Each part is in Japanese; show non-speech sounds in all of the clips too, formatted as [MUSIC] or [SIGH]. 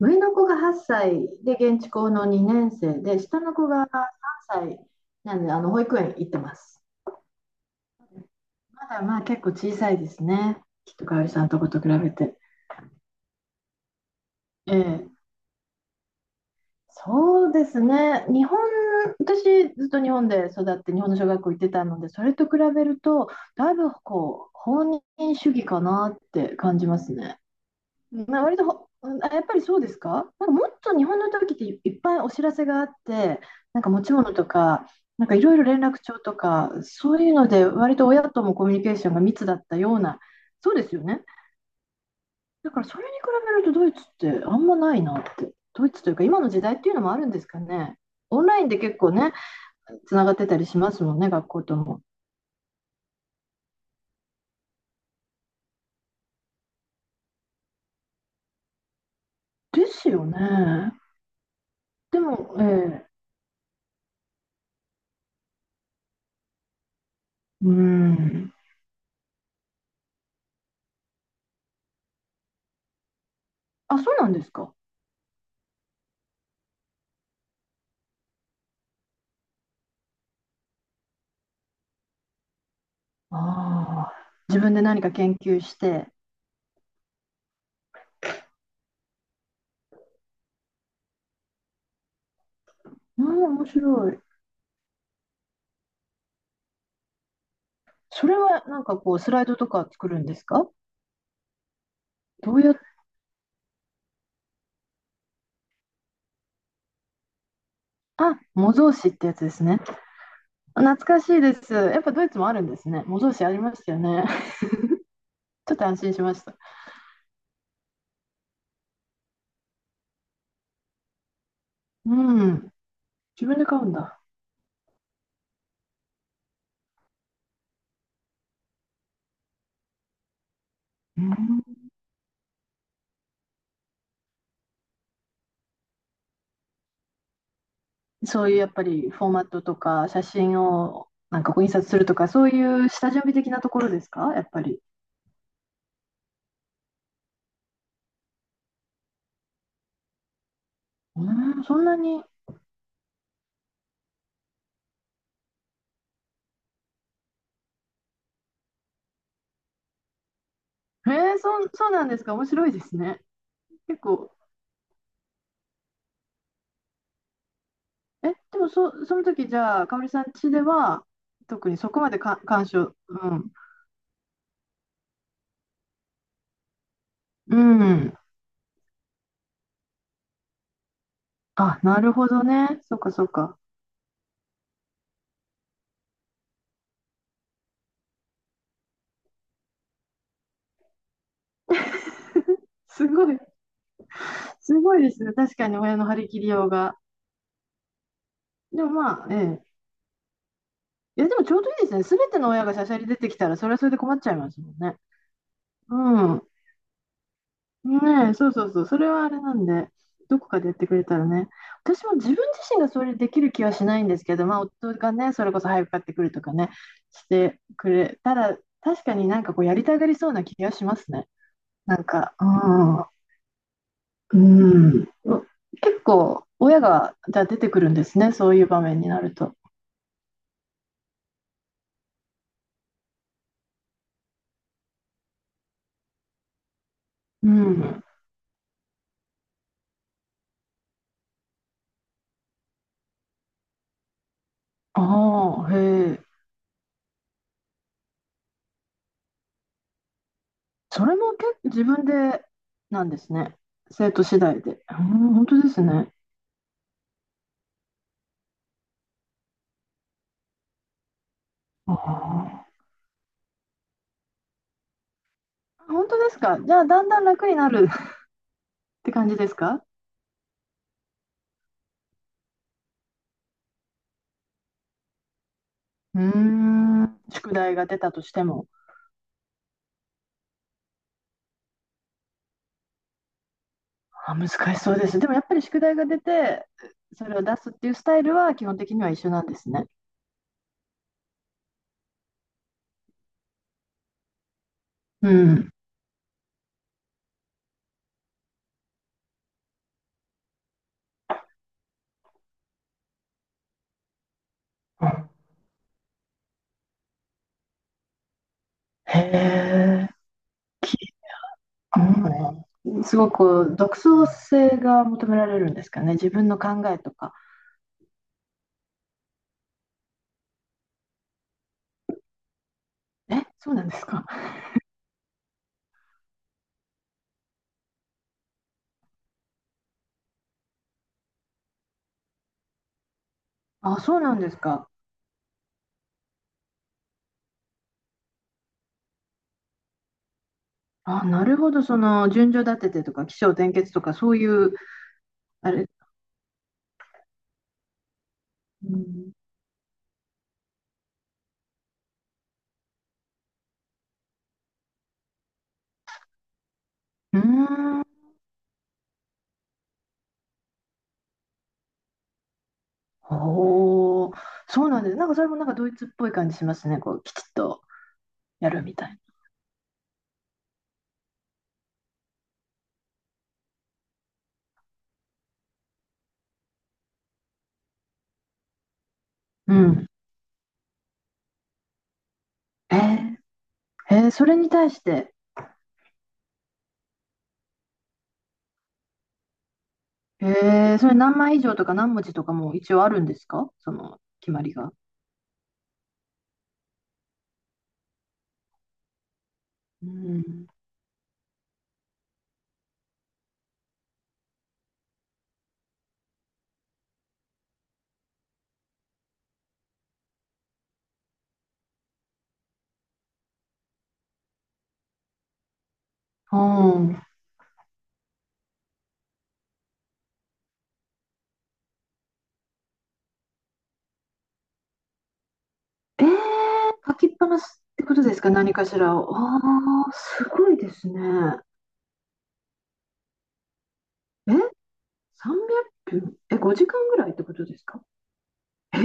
上の子が8歳で現地校の2年生で、下の子が3歳なんで、保育園行ってます。まだまあ結構小さいですね。きっとかおりさんとこと比べて。ええ、そうですね。私ずっと日本で育って日本の小学校行ってたので、それと比べると、だいぶ放任主義かなって感じますね。まあ、割とほ、うんあやっぱりそうですか？もっと日本の時っていいっぱいお知らせがあって、持ち物とか、いろいろ連絡帳とか、そういうので割と親ともコミュニケーションが密だったような、そうですよね。だからそれに比べるとドイツってあんまないなって、ドイツというか今の時代っていうのもあるんですかね。オンラインで結構ね、つながってたりしますもんね、学校とも。ですよね。でも、ええ、うーん。あ、そうなんですか。ああ、自分で何か研究して、うん、面白い。それはスライドとか作るんですか？どうやっあ、模造紙ってやつですね。懐かしいです。やっぱドイツもあるんですね。模造紙ありましたよね。[LAUGHS] ちょっと安心しました。うん、自分で買うんだ。うん、そういうやっぱりフォーマットとか写真を印刷するとかそういう下準備的なところですかやっぱり？うん、そんなに。そうなんですか？面白いですね。結構、でもその時じゃあ、かおりさん家では、特にそこまで干渉、うん。うん。あ、なるほどね。そっかそっか。すごい、すごいですね。確かに親の張り切りようが。でもまあ、ええ。いや、でもちょうどいいですね。すべての親がしゃしゃり出てきたら、それはそれで困っちゃいますもんね。うん。ねえ、そうそうそう、それはあれなんで、どこかでやってくれたらね、私も自分自身がそれできる気はしないんですけど、まあ、夫がね、それこそ早く買ってくるとかね、してくれたら、確かにやりたがりそうな気がしますね。うん、うん、結構、親が、じゃあ出てくるんですね、そういう場面になると。うん、ああ、へえ、それも結構自分でなんですね、生徒次第で。うん、本当ですね。ああ。本当ですか。じゃあ、だんだん楽になる [LAUGHS] って感じですか？うーん、宿題が出たとしても。あ、難しそうです。でもやっぱり宿題が出て、それを出すっていうスタイルは基本的には一緒なんですね。うん。へえ、き、うん、すごく独創性が求められるんですかね。自分の考えとか。え、そうなんですか？あ、そうなんですか？あ、なるほど。その順序立ててとか、起承転結とか、そういう、あれ。うん。うーん、おー、そうなんです。それもドイツっぽい感じしますね。きちっとやるみたいな。うん。えそれに対して、えそれ何枚以上とか何文字とかも一応あるんですかその決まりが？うん。うん。えー、書きっぱなしってことですか？何かしらを。ああ、すごいですね。え？ 300 分、え、5時間ぐらいってことですか？えー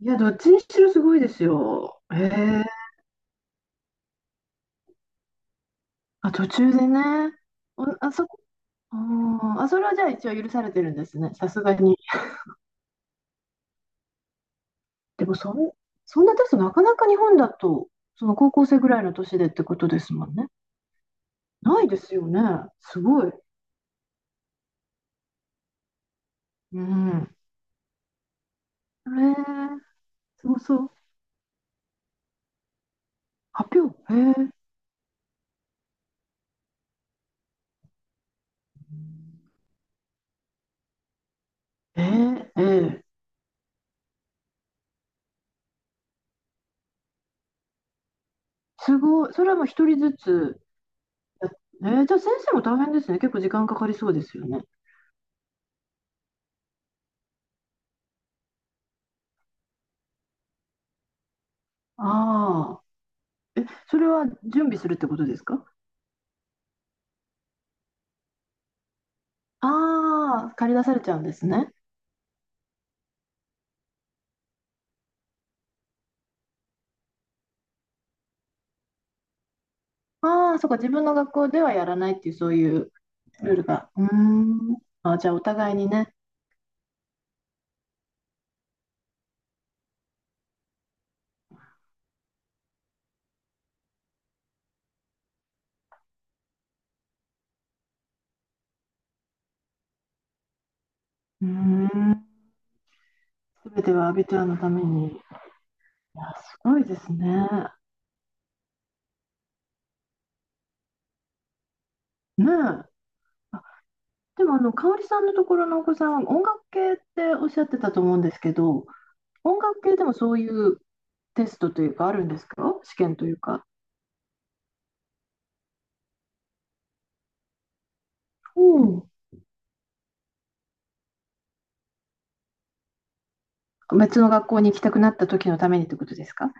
いや、どっちにしろすごいですよ。あ、途中でね。お、あ、あそれはじゃあ一応許されてるんですね、さすがに。でもそんなテストなかなか日本だと、その高校生ぐらいの年でってことですもんね。ないですよね。すごい。うん。えすごそう。発表。へえ。ええ、すごい。それはもう一人ずつやっ。じゃあ先生も大変ですね。結構時間かかりそうですよね。ああ。え、それは準備するってことですか？ああー、借り出されちゃうんですね。ああ、そうか、自分の学校ではやらないっていう、そういうルールが。うーん。あ、じゃあ、お互いにね。うーん。すべてはアビトラのために。いや、すごいですね。ねえ。あ、でも、香織さんのところのお子さんは音楽系っておっしゃってたと思うんですけど、音楽系でもそういうテストというか、あるんですか、試験というか？うん、別の学校に行きたくなった時のためにってことですか？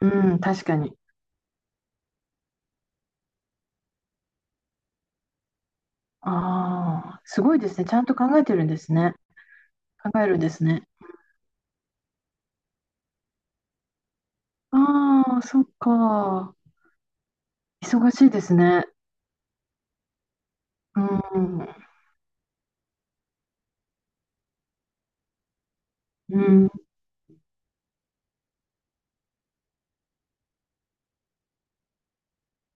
うん、確かに。ああ、すごいですね。ちゃんと考えてるんですね。考えるんですね。ああ、そっか。忙しいですね。うん。うん。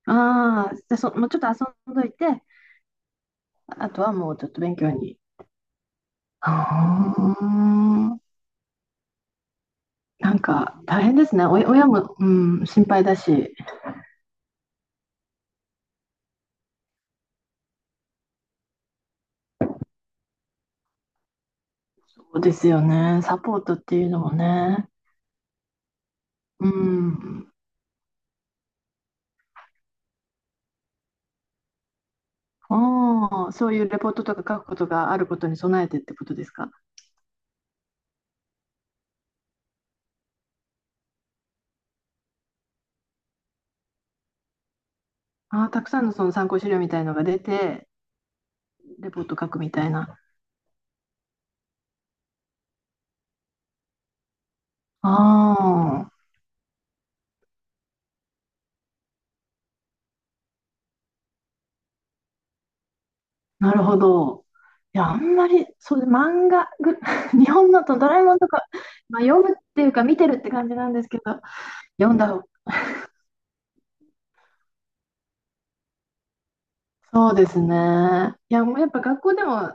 ああ、じゃあもうちょっと遊んどいて、あとはもうちょっと勉強に。ああ、大変ですね。親も、うん、心配だし。そうですよね。サポートっていうのもね。うん。ああ、そういうレポートとか書くことがあることに備えてってことですか。ああ、たくさんのその参考資料みたいのが出て、レポート書くみたいな。あ、なるほど。いや、あんまり、そうで、漫画ぐ、[LAUGHS] 日本のとドラえもんとか、まあ、読むっていうか見てるって感じなんですけど、読んだ方、そうですね。いや、もうやっぱ学校でも、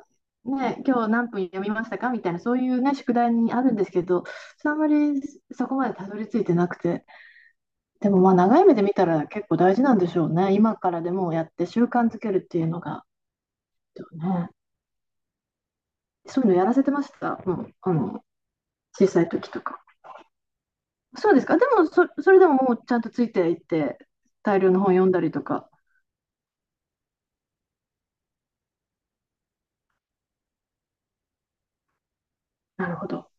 ね、今日何分読みましたかみたいな、そういうね、宿題にあるんですけど、あんまりそこまでたどり着いてなくて、でもまあ長い目で見たら結構大事なんでしょうね。今からでもやって習慣づけるっていうのが、ね、そういうのやらせてました。もう、小さい時とか。そうですか。でも、それでももうちゃんとついていって、大量の本読んだりとか。なるほど。